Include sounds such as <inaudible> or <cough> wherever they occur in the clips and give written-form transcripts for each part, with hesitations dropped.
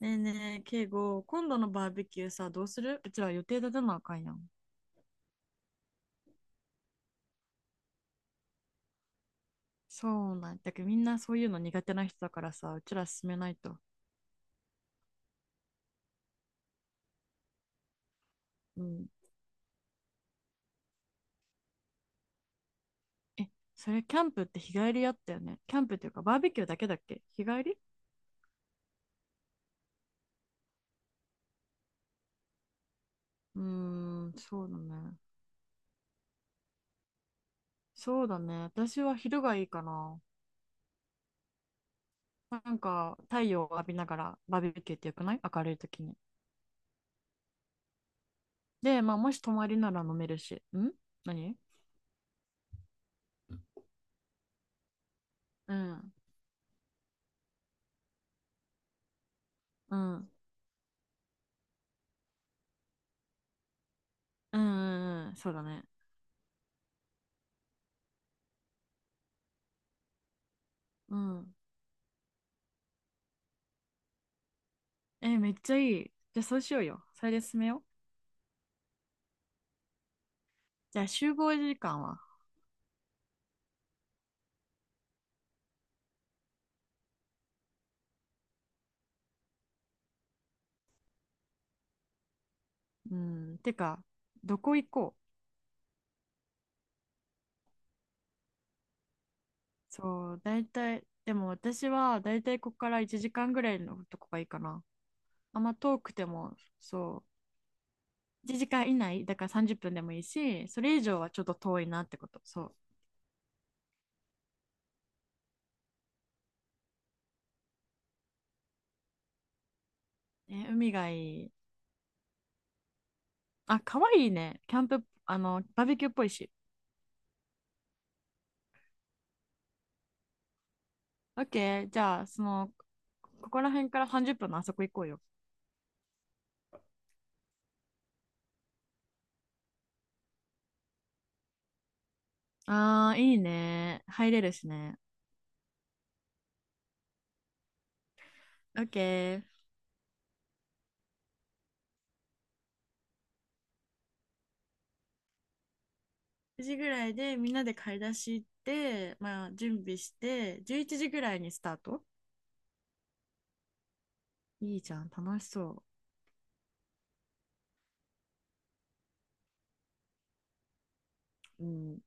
ねえねえ、敬語、今度のバーベキューさ、どうするうちら予定立てなあかんやん。そうなんだけど、みんなそういうの苦手な人だからさ、うちら進めないと。うん。え、それキャンプって日帰りやったよね。キャンプっていうか、バーベキューだけだっけ日帰り？うーそうだね。そうだね。私は昼がいいかな。なんか、太陽を浴びながらバーベキューってよくない？明るい時に。で、まあ、もし泊まりなら飲めるし。ん？何？うん。うん。うんうんうん。そうだね。うん。え、めっちゃいい。じゃあそうしようよ。それで進めよう。じゃあ集合時間は？うん。てか、どこ行こう？そう、大体、でも私は大体ここから1時間ぐらいのとこがいいかな。あんま遠くても、そう、1時間以内、だから30分でもいいし、それ以上はちょっと遠いなってこと。そう。え、海がいい。あ、かわいいね。キャンプ、あの、バーベキューっぽいし。オッケー。じゃあ、その、ここら辺から30分のあそこ行こうよ。あー、いいね。入れるしね。オッケー。9時ぐらいでみんなで買い出し行って、まあ、準備して11時ぐらいにスタート。いいじゃん楽しそう。うん、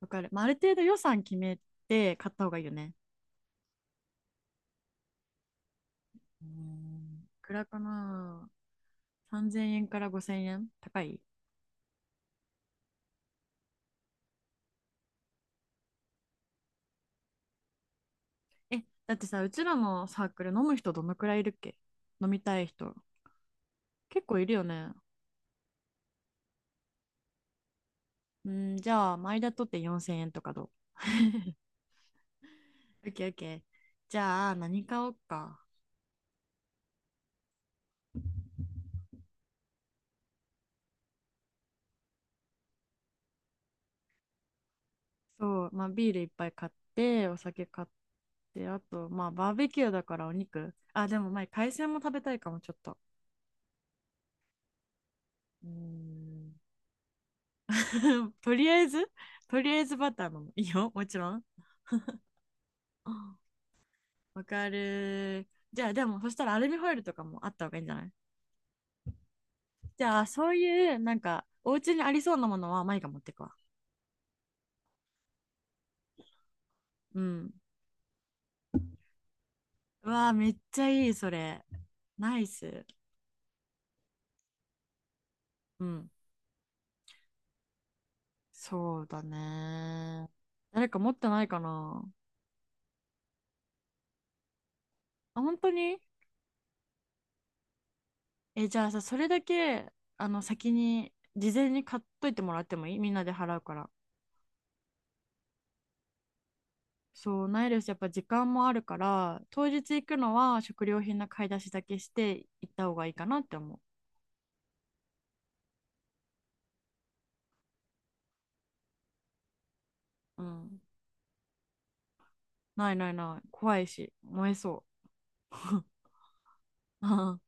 わかる、まあ、ある程度予算決めて買った方がいいよね。うん、いくらかな。3000円から5000円高い？え、だってさ、うちらのサークル飲む人どのくらいいるっけ？飲みたい人結構いるよね。うん、じゃあ前田とって4000円とかどう？ <laughs> オッケーオッケー。じゃあ何買おうか？そう、まあ、ビールいっぱい買って、お酒買って、あと、まあ、バーベキューだからお肉。あ、でも、まあ海鮮も食べたいかも、ちょっと。うーん。<laughs> とりあえず、<laughs> とりあえずバター飲む。いいよ、もちろん。あ、わかる。じゃあ、でも、そしたらアルミホイルとかもあった方がいいんじゃない？じゃあ、そういう、なんか、お家にありそうなものは、マイが持ってくわ。うん。うわあ、めっちゃいい、それ。ナイス。うん。そうだね。誰か持ってないかな？あ、本当に？え、じゃあさ、それだけ、あの、先に、事前に買っといてもらってもいい？みんなで払うから。そう、ないです。やっぱ時間もあるから、当日行くのは食料品の買い出しだけして行った方がいいかなって思う。うん。ないないない。怖いし、燃えそう。<laughs> うん。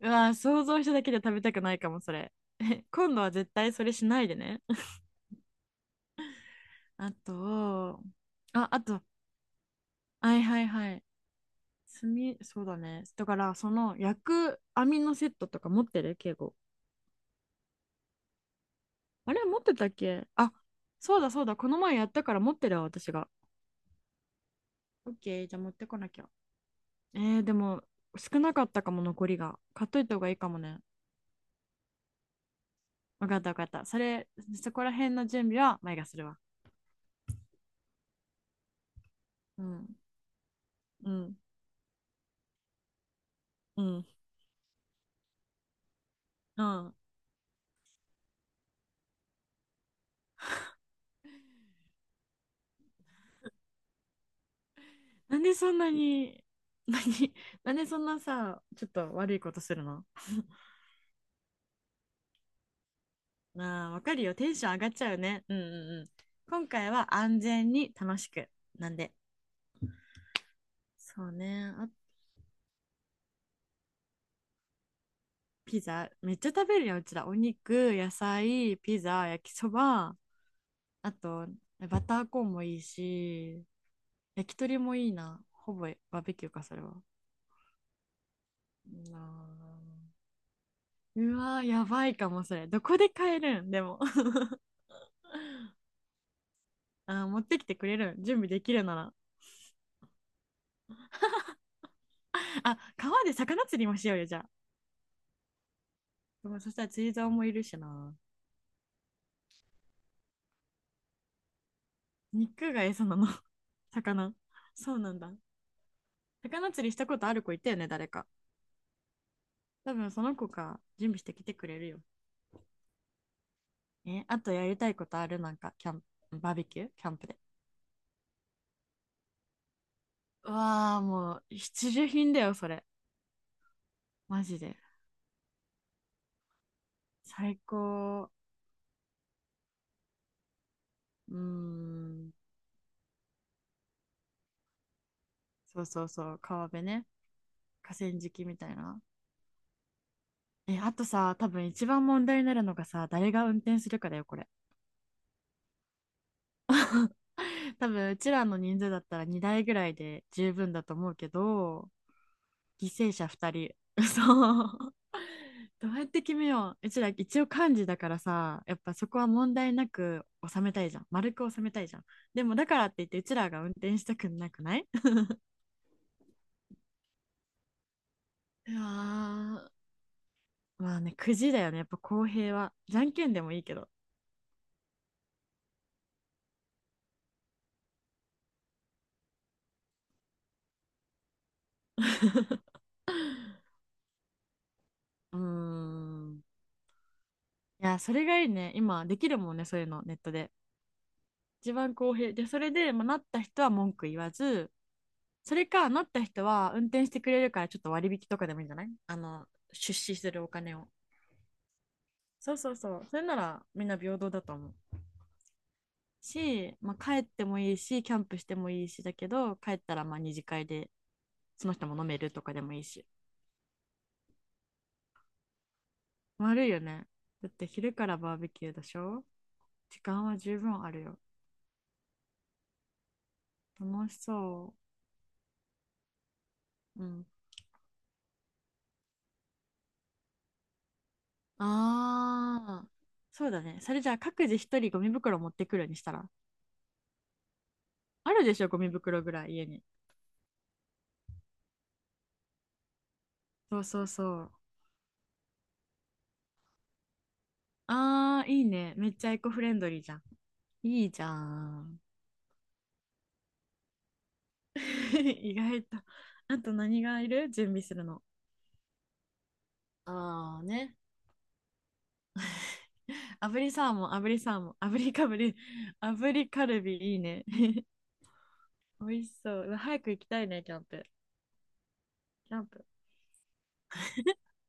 うわ、想像しただけで食べたくないかも、それ。え、今度は絶対それしないでね。<laughs> あと、あ、あと、はいはいはい。炭、そうだね。だから、その焼く網のセットとか持ってる敬語？あれ持ってたっけ？あ、そうだそうだ。この前やったから持ってるわ、私が。オッケー、じゃあ持ってこなきゃ。えー、でも、少なかったかも、残りが。買っといた方がいいかもね。わかったわかった。それ、そこら辺の準備は前がするわ。うん。うん。うん。うん。なんでそんなに、何、<laughs> なんでそんなさ、ちょっと悪いことするの？ <laughs> まあー、わかるよ。テンション上がっちゃうよね。うんうんうん。今回は安全に楽しく。なんで。そうね。あ、ピザ。めっちゃ食べるよ、うちら。お肉、野菜、ピザ、焼きそば。あと、バターコーンもいいし、焼き鳥もいいな。ほぼバーベキューか、それは。なーうわー、やばいかも、それ。どこで買えるん？でも。<laughs> あー、持ってきてくれるん？準備できるなら。あ、川で魚釣りもしようよ、じゃあ。でもそしたら釣り竿もいるしな。肉が餌なの？ <laughs> 魚、そうなんだ。魚釣りしたことある子いたよね、誰か。多分その子が準備してきてくれるよ。え、あとやりたいことある？なんかキャンプ、バーベキュー、キャンプで。うわあ、もう必需品だよそれ。マジで最高。うーん、そうそうそう、川辺ね。河川敷みたいな。え、あとさ、多分一番問題になるのがさ、誰が運転するかだよこれ。多分うちらの人数だったら2台ぐらいで十分だと思うけど。犠牲者2人、そう。 <laughs> どうやって決めよう？うちら一応漢字だからさ、やっぱそこは問題なく収めたいじゃん、丸く収めたいじゃん。でもだからって言ってうちらが運転したくなくない？ <laughs> うわ、まあね、くじだよねやっぱ。公平は。じゃんけんでもいいけど。うーん、いや、それがいいね。今できるもんね、そういうのネットで。一番公平で。それで、まあ、なった人は文句言わず。それかなった人は運転してくれるからちょっと割引とかでもいいんじゃない？あの出資するお金を。そうそうそう。それならみんな平等だと思う。し、まあ、帰ってもいいし、キャンプしてもいいしだけど、帰ったらまあ二次会でその人も飲めるとかでもいいし。悪いよね。だって昼からバーベキューでしょ？時間は十分あるよ。楽しそう。うん。ああ、そうだね。それじゃあ各自一人ゴミ袋持ってくるにしたら？あるでしょ、ゴミ袋ぐらい家に。そうそうそう。ああ、いいね。めっちゃエコフレンドリーじゃん。いいじゃん。<laughs> 意外と。あと何がいる？準備するの。ああね。炙りサーモン、炙りサーモン、炙りかぶり、炙りカルビいいね。<laughs> 美味しそう。うわ早く行きたいね、キャンプ。キャンプ。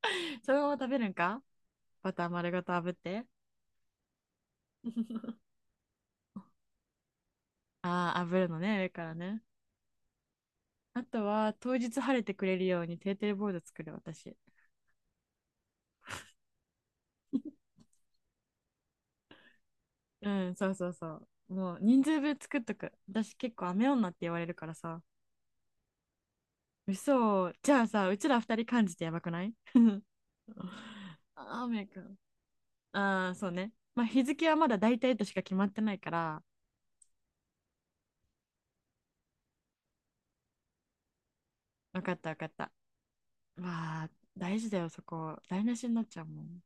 <laughs> そのまま食べるんか？バター丸ごと炙って。<laughs> ああ、炙るのね、上からね。あとは、当日晴れてくれるようにテーテレボード作る、私。うん、そうそうそう。もう、人数分作っとく。私結構雨女って言われるからさ。嘘。じゃあさ、うちら二人感じてやばくない？雨か。ああ、そうね。まあ、日付はまだ大体としか決まってないから、わかったわかった。わあ、大事だよ、そこ。台無しになっちゃうもん。